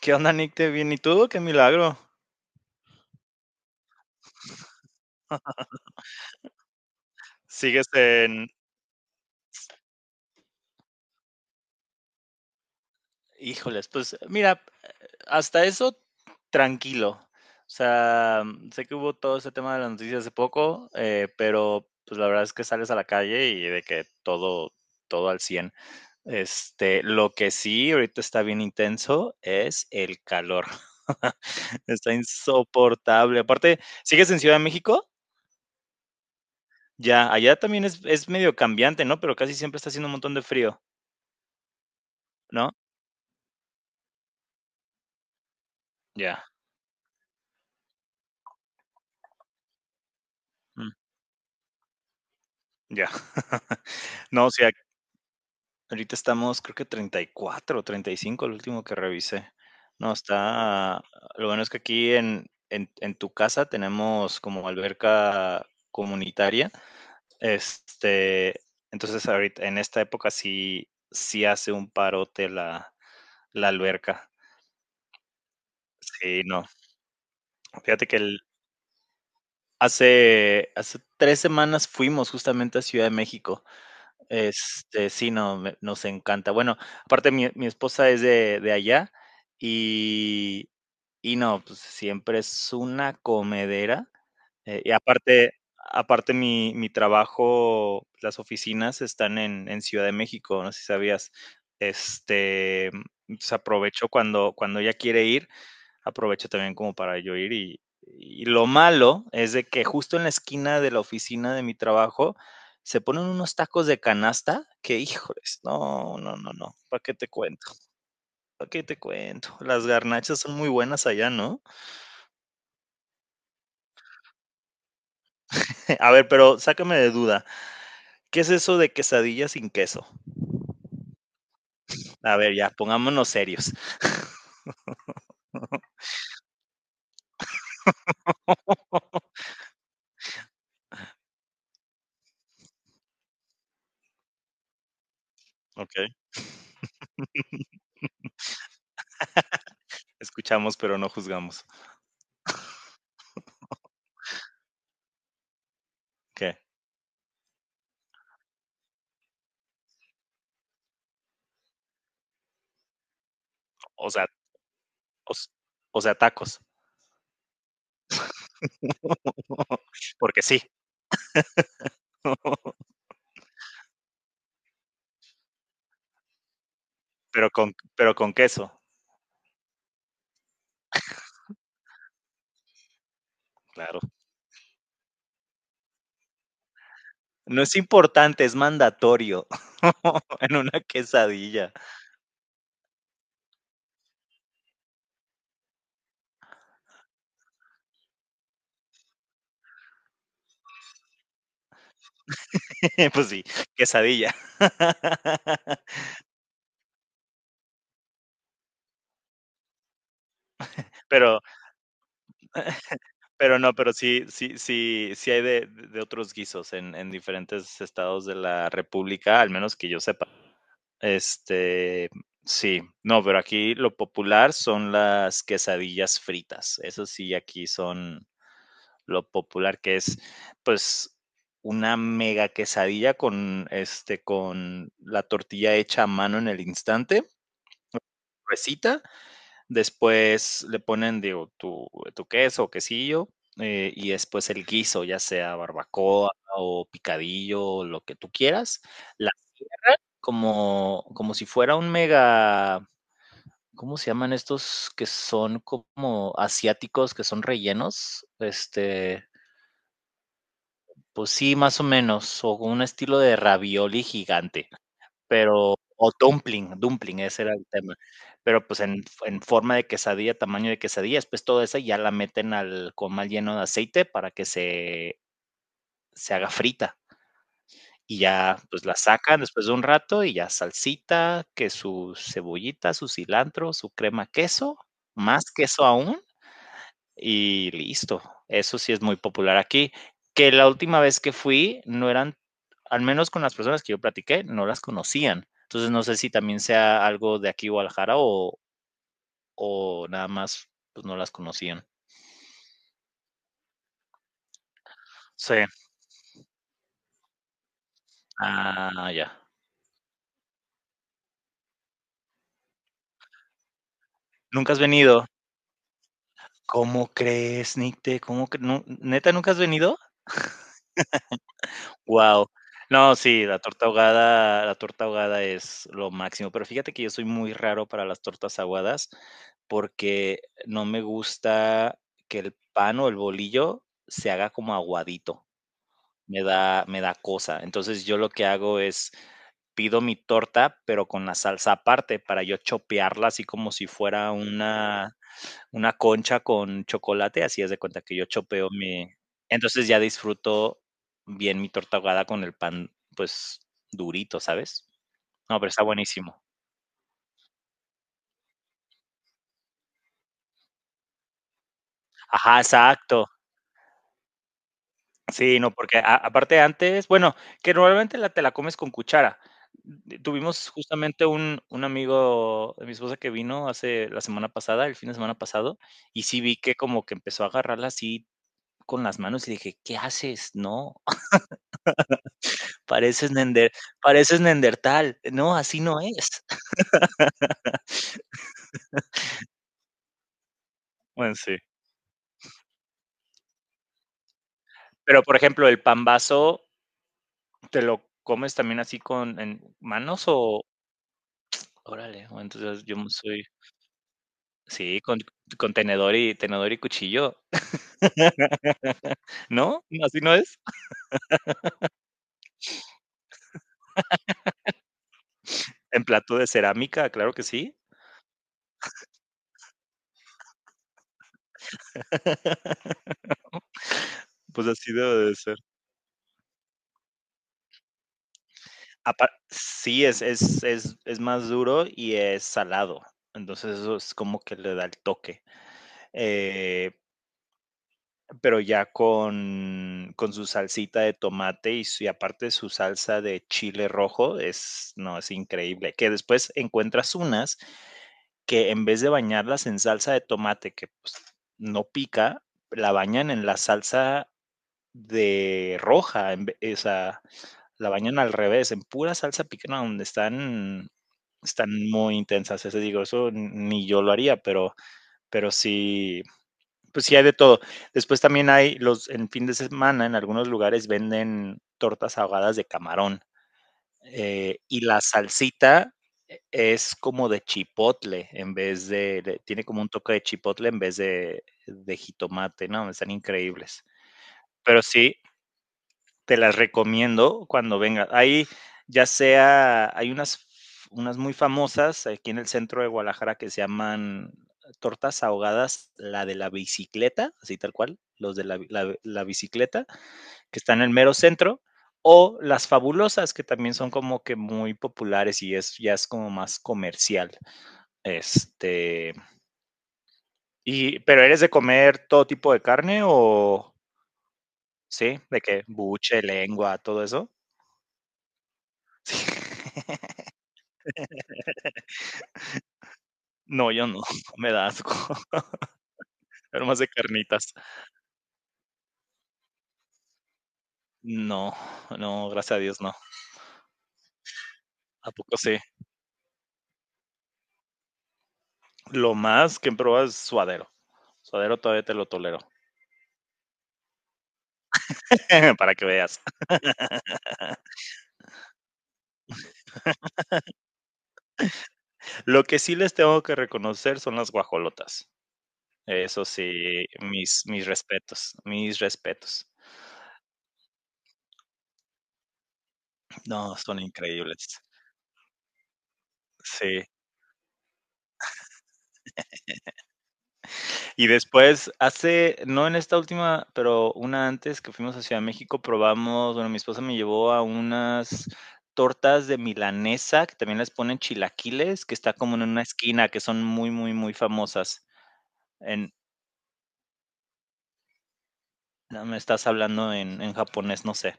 ¿Qué onda, Nick? ¿Te bien? ¿Y tú? ¡Qué milagro! Sigues en híjoles, pues, mira, Hasta eso tranquilo. O sea, sé que hubo todo ese tema de las noticias hace poco, pero, pues, la verdad es que sales a la calle y de que todo al 100. Lo que sí ahorita está bien intenso es el calor. Está insoportable. Aparte, ¿sigues en Ciudad de México? Ya, allá también es medio cambiante, ¿no? Pero casi siempre está haciendo un montón de frío, ¿no? Ya. Mm, ya. No, o sea, ahorita estamos, creo que 34 o cinco, el último que revisé. No, está lo bueno es que aquí en en tu casa tenemos como alberca comunitaria, este, entonces, ahorita en esta época sí hace un parote la alberca. Sí, no. Fíjate que el hace hace 3 semanas fuimos justamente a Ciudad de México. Sí, no, me nos encanta. Bueno, aparte mi esposa es de allá y y no, pues, siempre es una comedera, y aparte mi trabajo, las oficinas están en Ciudad de México, no sé si sabías. Este, pues, aprovecho cuando ella quiere ir, aprovecho también como para yo ir y lo malo es de que justo en la esquina de la oficina de mi trabajo se ponen unos tacos de canasta que, híjoles, no, no, no, no, ¿para qué te cuento? ¿Para qué te cuento? Las garnachas son muy buenas allá, ¿no? A ver, pero sácame de duda, ¿qué es eso de quesadilla sin queso? A ver, ya, pongámonos serios, ¿ok? Escuchamos, pero no juzgamos. ¿Qué? O sea, os- o sea, tacos. Porque sí, pero con queso. Claro. No es importante, es mandatorio en una quesadilla. Pues sí, quesadilla. Pero no, pero sí hay de otros guisos en diferentes estados de la república, al menos que yo sepa. Este, sí, no, pero aquí lo popular son las quesadillas fritas. Eso sí, aquí son lo popular que es, pues, una mega quesadilla con, con la tortilla hecha a mano en el instante, recita, después le ponen, digo, tu queso o quesillo, y después el guiso, ya sea barbacoa o picadillo, o lo que tú quieras, la- como, como si fuera un mega, ¿cómo se llaman estos que son como asiáticos, que son rellenos? Pues sí, más o menos, o con un estilo de ravioli gigante, pero o dumpling, ese era el tema, pero, pues, en forma de quesadilla, tamaño de quesadilla, después toda esa ya la meten al comal lleno de aceite para que se haga frita, y ya, pues, la sacan después de un rato y ya salsita, que su cebollita, su cilantro, su crema queso, más queso aún, y listo. Eso sí es muy popular aquí. Que la última vez que fui no eran, al menos con las personas que yo platiqué, no las conocían. Entonces no sé si también sea algo de aquí Guadalajara o nada más pues no las conocían. Sí. Ah, ya. ¿Nunca has venido? ¿Cómo crees, Nicte? ¿Neta nunca has venido? Wow, no, sí, la torta ahogada es lo máximo, pero fíjate que yo soy muy raro para las tortas aguadas, porque no me gusta que el pan o el bolillo se haga como aguadito, me da cosa. Entonces, yo lo que hago es, pido mi torta, pero con la salsa aparte para yo chopearla así como si fuera una concha con chocolate, así haz de cuenta que yo chopeo mi entonces ya disfruto bien mi torta ahogada con el pan, pues, durito, ¿sabes? No, pero está buenísimo. Ajá, exacto. Sí, no, porque a aparte antes, bueno, que normalmente la te la comes con cuchara. Tuvimos justamente un amigo de mi esposa que vino hace la semana pasada, el fin de semana pasado, y sí vi que como que empezó a agarrarla así con las manos y dije: "¿Qué haces? No". Pareces nender Pareces neandertal. No, así no es. Bueno, sí. Pero, por ejemplo, el pambazo, ¿te lo comes también así con en manos o? Órale, o entonces yo no soy sí, con tenedor y tenedor y cuchillo, ¿no? ¿Así no es? En plato de cerámica, claro que sí. Pues así debe de ser. Apa sí, es más duro y es salado. Entonces, eso es como que le da el toque. Eh, pero ya con su salsita de tomate y, y aparte su salsa de chile rojo, es, no, es increíble. Que después encuentras unas que en vez de bañarlas en salsa de tomate, que pues, no pica, la bañan en la salsa de roja, o sea, la bañan al revés, en pura salsa picante, donde están, están muy intensas. Ese digo, eso ni yo lo haría, pero sí, pues sí hay de todo. Después también hay los, en fin de semana, en algunos lugares venden tortas ahogadas de camarón. Eh, y la salsita e, es como de chipotle en vez de, tiene como un toque de chipotle en vez de jitomate, ¿no? Están increíbles. Pero sí, te las recomiendo cuando vengas. Ahí ya sea, hay unas, unas muy famosas aquí en el centro de Guadalajara que se llaman tortas ahogadas, la de la bicicleta, así tal cual, los de la bicicleta, que están en el mero centro, o las fabulosas, que también son como que muy populares y es, ya es como más comercial. Este, y, pero eres de comer todo tipo de carne o, sí, de qué buche, lengua, todo eso. Sí. No, yo no, me da asco. Pero más de carnitas. No, no, gracias a Dios no. ¿A poco sí? Lo más que he probado es suadero. Suadero todavía te lo tolero, para que veas. Lo que sí les tengo que reconocer son las guajolotas. Eso sí, mis respetos, mis respetos. No, son increíbles. Sí. Y después, hace, no en esta última, pero una antes que fuimos a Ciudad de México, probamos, bueno, mi esposa me llevó a unas tortas de milanesa, que también les ponen chilaquiles, que está como en una esquina, que son muy, muy, muy famosas. En, no, me estás hablando en japonés, no sé.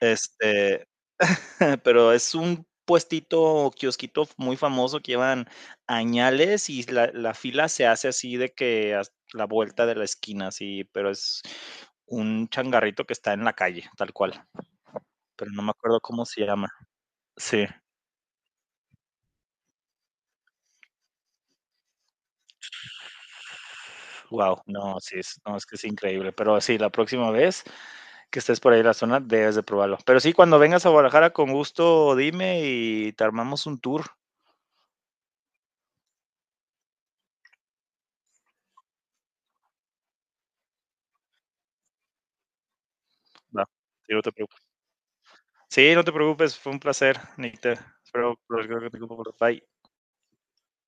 Este, pero es un puestito o kiosquito muy famoso que llevan añales y la fila se hace así de que a la vuelta de la esquina, así, pero es un changarrito que está en la calle, tal cual. Pero no me acuerdo cómo se llama. Sí, wow, no, sí, es, no, es que es increíble. Pero sí, la próxima vez que estés por ahí en la zona, debes de probarlo. Pero sí, cuando vengas a Guadalajara, con gusto, dime y te armamos un tour. Va, sí, no te sí, no te preocupes, fue un placer, Nick. Te espero por el Bye.